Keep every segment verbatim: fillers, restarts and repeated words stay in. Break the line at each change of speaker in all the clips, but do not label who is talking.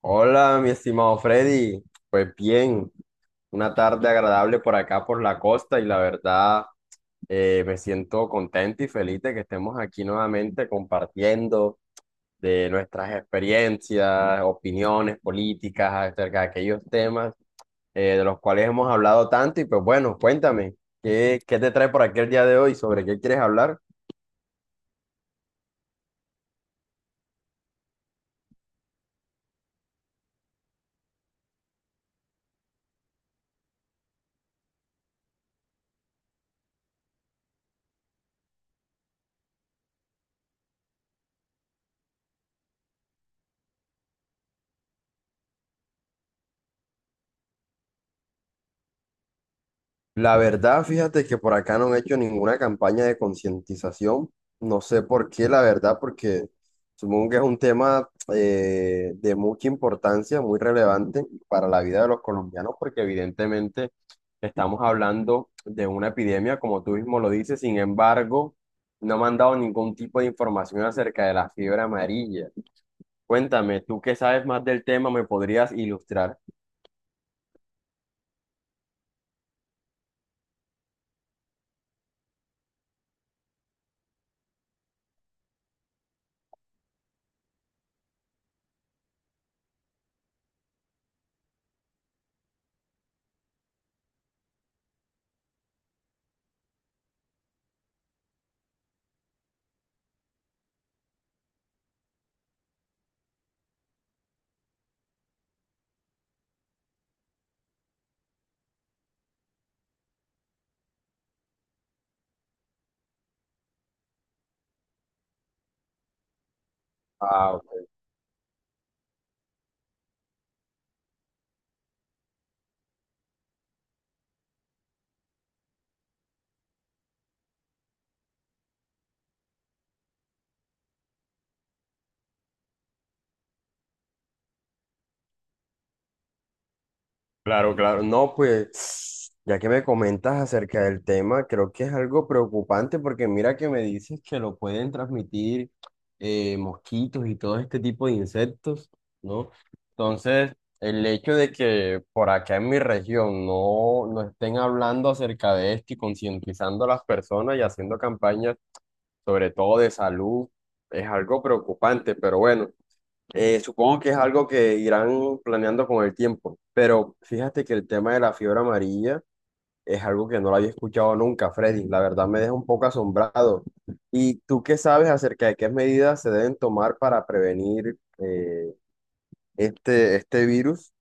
Hola, mi estimado Freddy. Pues bien, una tarde agradable por acá, por la costa, y la verdad eh, me siento contento y feliz de que estemos aquí nuevamente compartiendo de nuestras experiencias, opiniones políticas acerca de aquellos temas eh, de los cuales hemos hablado tanto. Y pues bueno, cuéntame, ¿qué, ¿qué te trae por aquí el día de hoy? ¿Sobre qué quieres hablar? La verdad, fíjate que por acá no han hecho ninguna campaña de concientización. No sé por qué, la verdad, porque supongo que es un tema eh, de mucha importancia, muy relevante para la vida de los colombianos, porque evidentemente estamos hablando de una epidemia, como tú mismo lo dices. Sin embargo, no me han dado ningún tipo de información acerca de la fiebre amarilla. Cuéntame, tú que sabes más del tema, ¿me podrías ilustrar? Ah. Claro, claro. No, pues ya que me comentas acerca del tema, creo que es algo preocupante porque mira que me dices que lo pueden transmitir eh, mosquitos y todo este tipo de insectos, ¿no? Entonces, el hecho de que por acá en mi región no, no estén hablando acerca de esto y concientizando a las personas y haciendo campañas, sobre todo de salud, es algo preocupante, pero bueno. Eh, supongo que es algo que irán planeando con el tiempo, pero fíjate que el tema de la fiebre amarilla es algo que no lo había escuchado nunca, Freddy. La verdad me deja un poco asombrado. ¿Y tú qué sabes acerca de qué medidas se deben tomar para prevenir eh, este, este virus?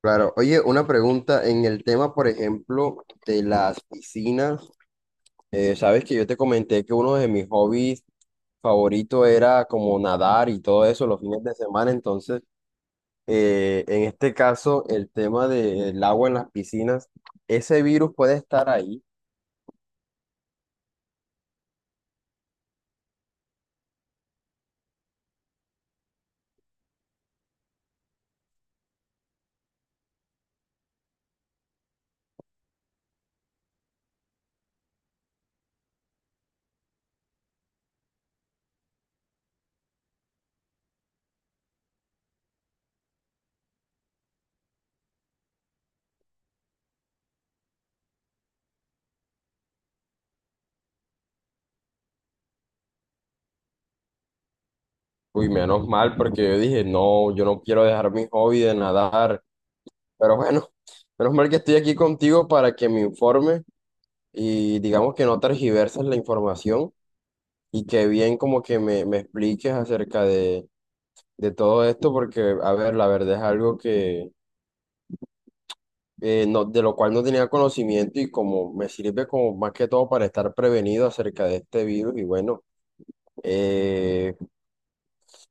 Claro, oye, una pregunta en el tema, por ejemplo, de las piscinas. Eh, sabes que yo te comenté que uno de mis hobbies favoritos era como nadar y todo eso los fines de semana, entonces eh, en este caso, el tema del agua en las piscinas, ese virus puede estar ahí. Uy, menos mal, porque yo dije, no, yo no quiero dejar mi hobby de nadar. Pero bueno, menos mal que estoy aquí contigo para que me informe y digamos que no tergiverses la información y que bien como que me, me expliques acerca de, de todo esto, porque, a ver, la verdad es algo que eh, no, de lo cual no tenía conocimiento y como me sirve como más que todo para estar prevenido acerca de este virus y bueno. Eh,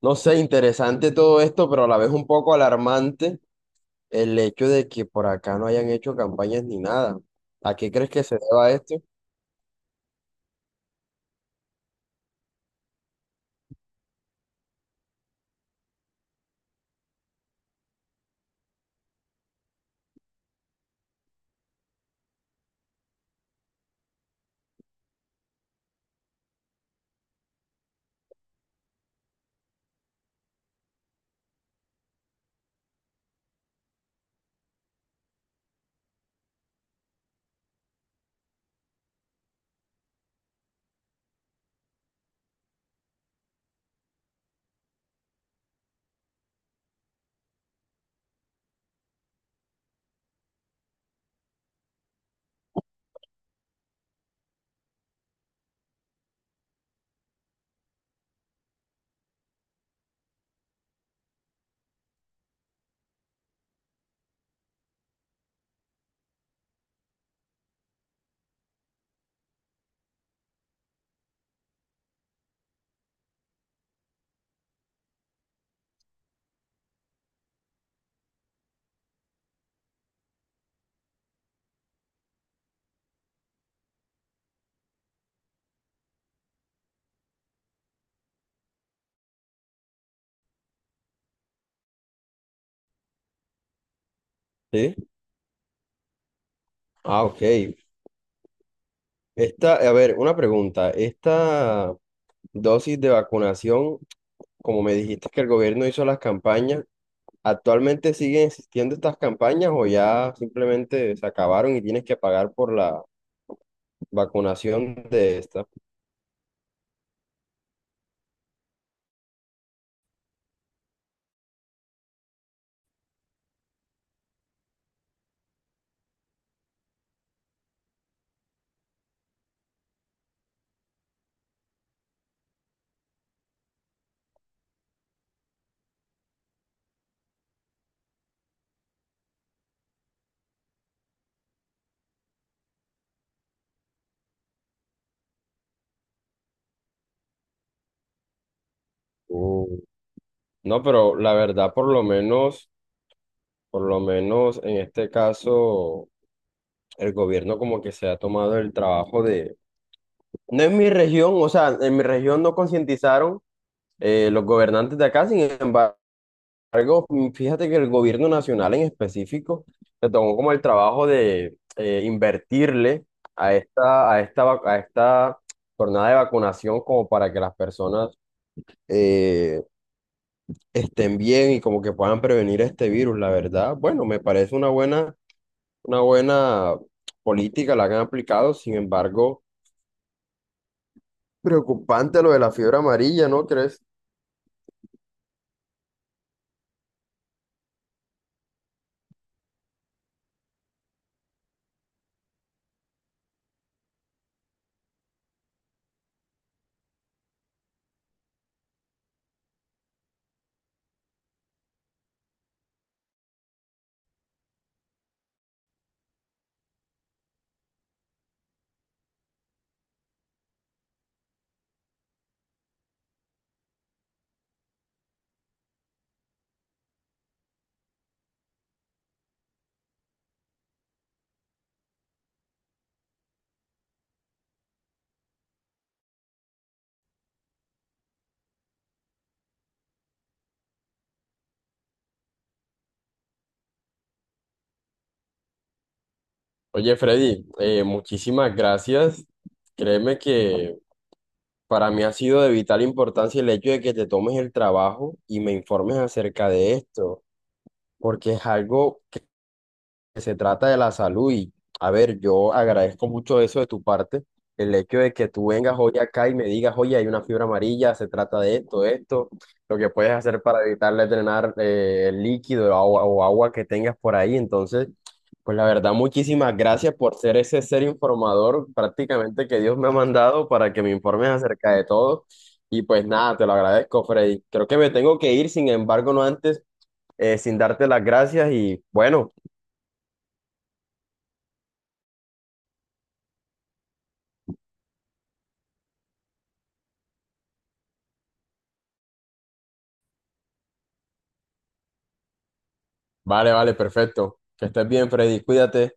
no sé, interesante todo esto, pero a la vez un poco alarmante el hecho de que por acá no hayan hecho campañas ni nada. ¿A qué crees que se deba esto? Sí. Ah, ok. Esta, a ver, una pregunta. Esta dosis de vacunación, como me dijiste que el gobierno hizo las campañas, ¿actualmente siguen existiendo estas campañas o ya simplemente se acabaron y tienes que pagar por la vacunación de esta? Uh, No, pero la verdad, por lo menos. Por lo menos en este caso, el gobierno como que se ha tomado el trabajo de... No en mi región, o sea, en mi región no concientizaron eh, los gobernantes de acá, sin embargo, mm, fíjate que el gobierno nacional en específico se tomó como el trabajo de eh, invertirle a esta, a esta, vac- a esta jornada de vacunación como para que las personas eh, estén bien y como que puedan prevenir este virus, la verdad. Bueno, me parece una buena una buena política la que han aplicado, sin embargo, preocupante lo de la fiebre amarilla, ¿no crees? Oye, Freddy, eh, muchísimas gracias. Créeme que para mí ha sido de vital importancia el hecho de que te tomes el trabajo y me informes acerca de esto, porque es algo. Se trata de la salud y, a ver, yo agradezco mucho eso de tu parte, el hecho de que tú vengas hoy acá y me digas, oye, hay una fibra amarilla, se trata de esto, de esto, lo que puedes hacer para evitarle drenar eh, el líquido o agua, o agua que tengas por ahí. Entonces, pues la verdad, muchísimas gracias por ser ese ser informador prácticamente que Dios me ha mandado para que me informes acerca de todo. Y pues nada, te lo agradezco, Freddy. Creo que me tengo que ir, sin embargo, no antes, eh, sin darte las gracias y bueno. Vale, vale, perfecto. Que estés bien, Freddy. Cuídate.